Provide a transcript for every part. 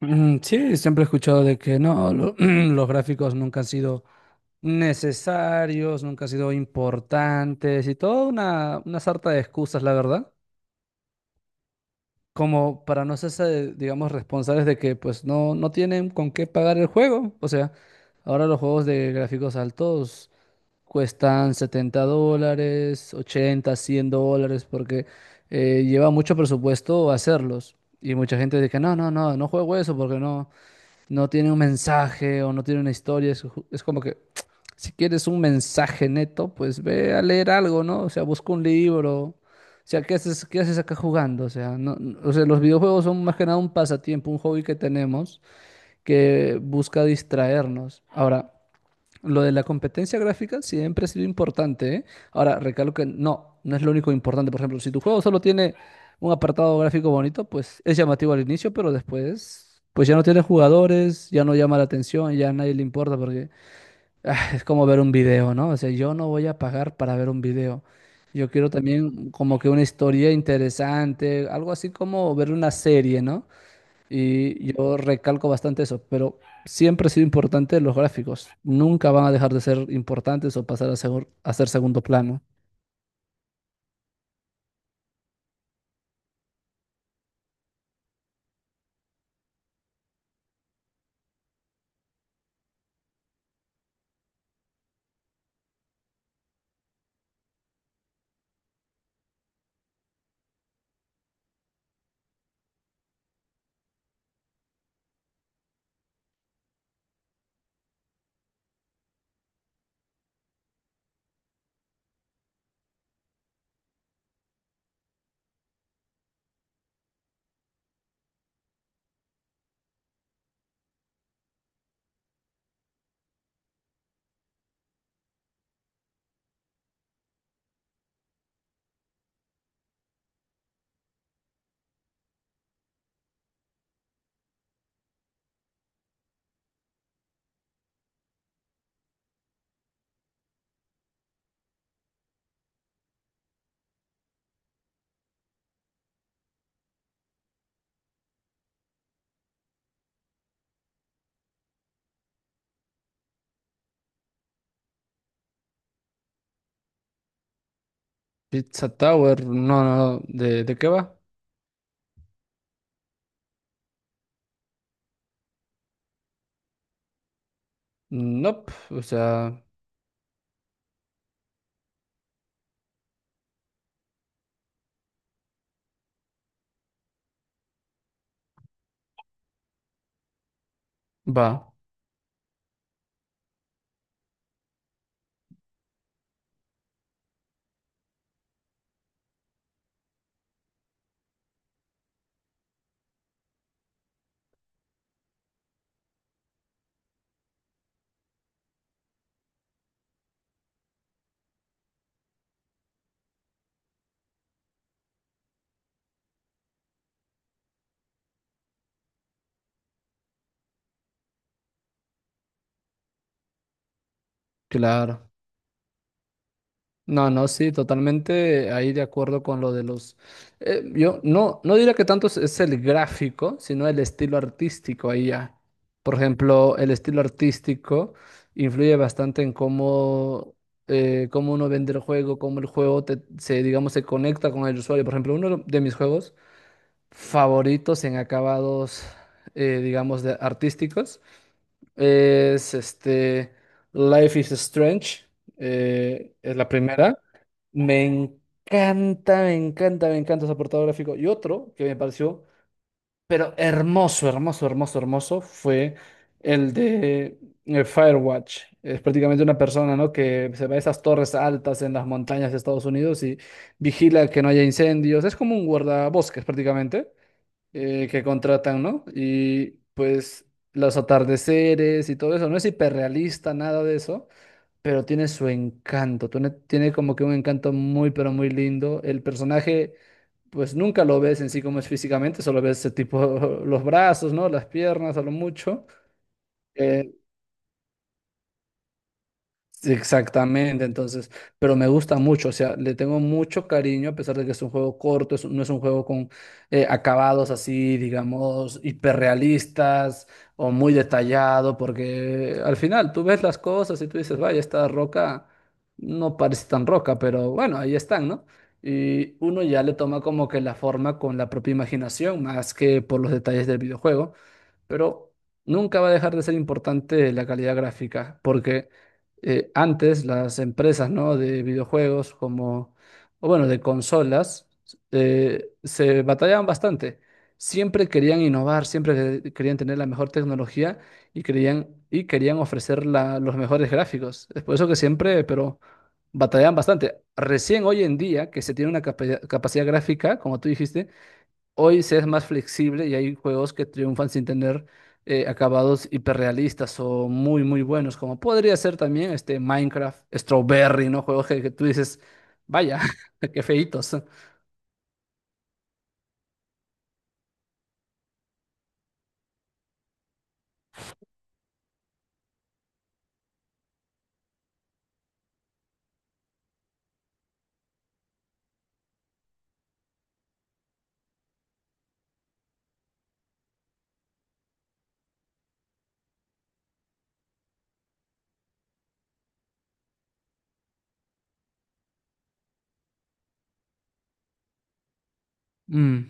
Sí, siempre he escuchado de que no, los gráficos nunca han sido necesarios, nunca han sido importantes y toda una sarta de excusas, la verdad, como para no ser, digamos, responsables de que pues no tienen con qué pagar el juego. O sea, ahora los juegos de gráficos altos cuestan $70, 80, $100, porque lleva mucho presupuesto hacerlos. Y mucha gente dice, no, no, no, no juego eso porque no tiene un mensaje o no tiene una historia. Es como que si quieres un mensaje neto, pues ve a leer algo, ¿no? O sea, busca un libro. O sea, ¿qué haces acá jugando? O sea, o sea, los videojuegos son más que nada un pasatiempo, un hobby que tenemos que busca distraernos. Ahora, lo de la competencia gráfica siempre ha sido importante, ¿eh? Ahora, recalco que no es lo único importante. Por ejemplo, si tu juego solo tiene un apartado gráfico bonito, pues es llamativo al inicio, pero después, pues ya no tiene jugadores, ya no llama la atención, ya a nadie le importa porque es como ver un video, ¿no? O sea, yo no voy a pagar para ver un video. Yo quiero también como que una historia interesante, algo así como ver una serie, ¿no? Y yo recalco bastante eso, pero siempre ha sido importante los gráficos. Nunca van a dejar de ser importantes o pasar a, a ser segundo plano. Pizza Tower, no, no, no. ¿De qué va? Nope, o sea, va, claro. No, no, sí, totalmente ahí de acuerdo con lo de los... yo no diría que tanto es el gráfico, sino el estilo artístico ahí ya. Por ejemplo, el estilo artístico influye bastante en cómo uno vende el juego, cómo el juego se, digamos, se conecta con el usuario. Por ejemplo, uno de mis juegos favoritos en acabados, digamos, de artísticos es este Life is Strange, es la primera. Me encanta, me encanta, me encanta ese apartado gráfico. Y otro que me pareció, pero hermoso, hermoso, hermoso, hermoso, fue el de Firewatch. Es prácticamente una persona, ¿no? Que se va a esas torres altas en las montañas de Estados Unidos y vigila que no haya incendios. Es como un guardabosques prácticamente que contratan, ¿no? Y pues los atardeceres y todo eso. No es hiperrealista, nada de eso, pero tiene su encanto, tiene como que un encanto muy, pero muy lindo. El personaje, pues nunca lo ves en sí como es físicamente, solo ves ese tipo los brazos, ¿no? Las piernas a lo mucho. Eh, Exactamente, entonces, pero me gusta mucho, o sea, le tengo mucho cariño a pesar de que es un juego corto, no es un juego con acabados así, digamos, hiperrealistas o muy detallado, porque al final tú ves las cosas y tú dices, vaya, esta roca no parece tan roca, pero bueno, ahí están, ¿no? Y uno ya le toma como que la forma con la propia imaginación, más que por los detalles del videojuego, pero nunca va a dejar de ser importante la calidad gráfica, porque antes las empresas, ¿no? de videojuegos como, o bueno, de consolas, se batallaban bastante. Siempre querían innovar, siempre querían tener la mejor tecnología y querían ofrecer los mejores gráficos. Es por eso que siempre, pero batallaban bastante. Recién hoy en día, que se tiene una capacidad gráfica, como tú dijiste, hoy se es más flexible y hay juegos que triunfan sin tener acabados hiperrealistas o muy, muy buenos, como podría ser también este Minecraft, Strawberry, ¿no? Juegos que tú dices, vaya, qué feitos. Mm.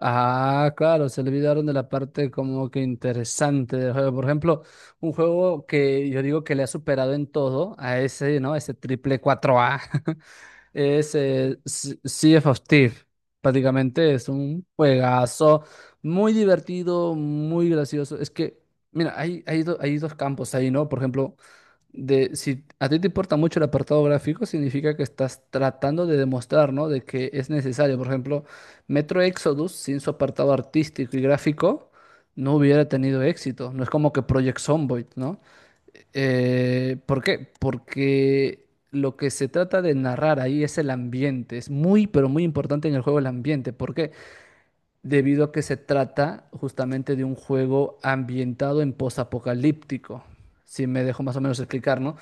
Ah, claro, se olvidaron de la parte como que interesante del juego. Por ejemplo, un juego que yo digo que le ha superado en todo a ese, ¿no? Ese triple 4A. Es Sea of Thieves. Prácticamente es un juegazo muy divertido, muy gracioso. Es que, mira, hay dos campos ahí, ¿no? Por ejemplo, de, si a ti te importa mucho el apartado gráfico, significa que estás tratando de demostrar, ¿no? De que es necesario. Por ejemplo, Metro Exodus, sin su apartado artístico y gráfico, no hubiera tenido éxito. No es como que Project Zomboid, ¿no? ¿Por qué? Porque lo que se trata de narrar ahí es el ambiente. Es muy, pero muy importante en el juego el ambiente. ¿Por qué? Debido a que se trata justamente de un juego ambientado en posapocalíptico, si me dejo más o menos explicar, ¿no?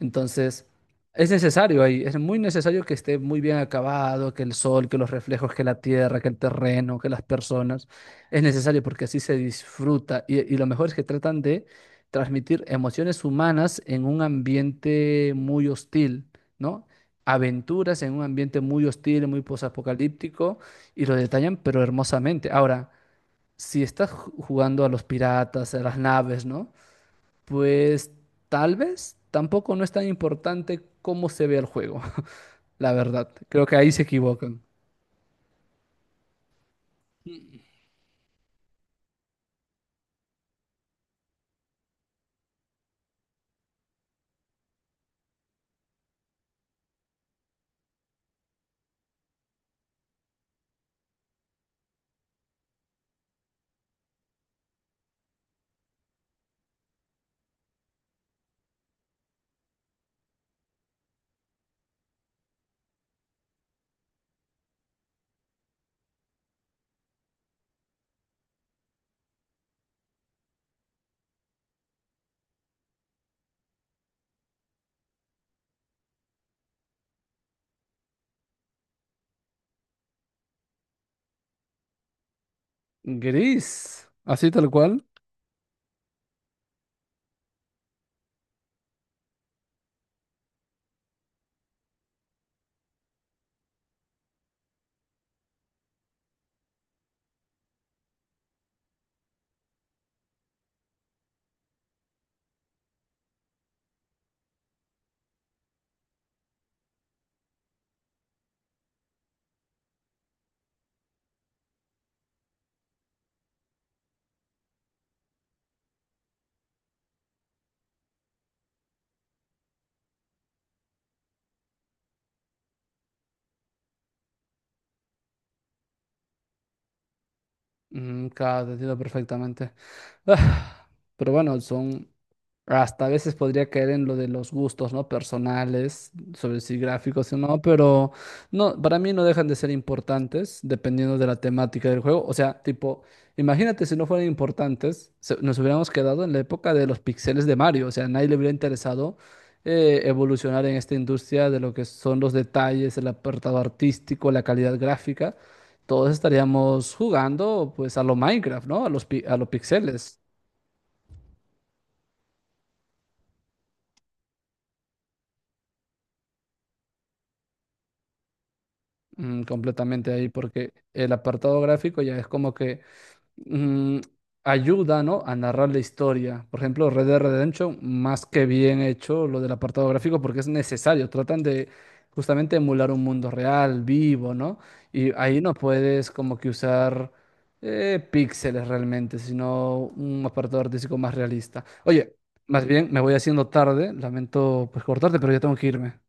Entonces, es necesario ahí, es muy necesario que esté muy bien acabado, que el sol, que los reflejos, que la tierra, que el terreno, que las personas, es necesario porque así se disfruta y lo mejor es que tratan de transmitir emociones humanas en un ambiente muy hostil, ¿no? Aventuras en un ambiente muy hostil, muy posapocalíptico, y lo detallan, pero hermosamente. Ahora, si estás jugando a los piratas, a las naves, ¿no? Pues tal vez tampoco no es tan importante cómo se ve el juego, la verdad. Creo que ahí se equivocan. Gris, así tal cual. Mm, claro, te entiendo perfectamente. Ah, pero bueno, son, hasta a veces podría caer en lo de los gustos, ¿no? Personales, sobre si gráficos o no, pero no, para mí no dejan de ser importantes dependiendo de la temática del juego. O sea, tipo, imagínate si no fueran importantes, nos hubiéramos quedado en la época de los pixeles de Mario. O sea, a nadie le hubiera interesado evolucionar en esta industria de lo que son los detalles, el apartado artístico, la calidad gráfica. Todos estaríamos jugando, pues, a lo Minecraft, ¿no? A los pixeles. Completamente ahí, porque el apartado gráfico ya es como que mm, ayuda, ¿no? A narrar la historia. Por ejemplo, Red Dead Redemption, más que bien hecho lo del apartado gráfico, porque es necesario. Tratan de justamente emular un mundo real, vivo, ¿no? Y ahí no puedes como que usar píxeles realmente, sino un apartado artístico más realista. Oye, más bien me voy haciendo tarde, lamento pues cortarte, pero ya tengo que irme.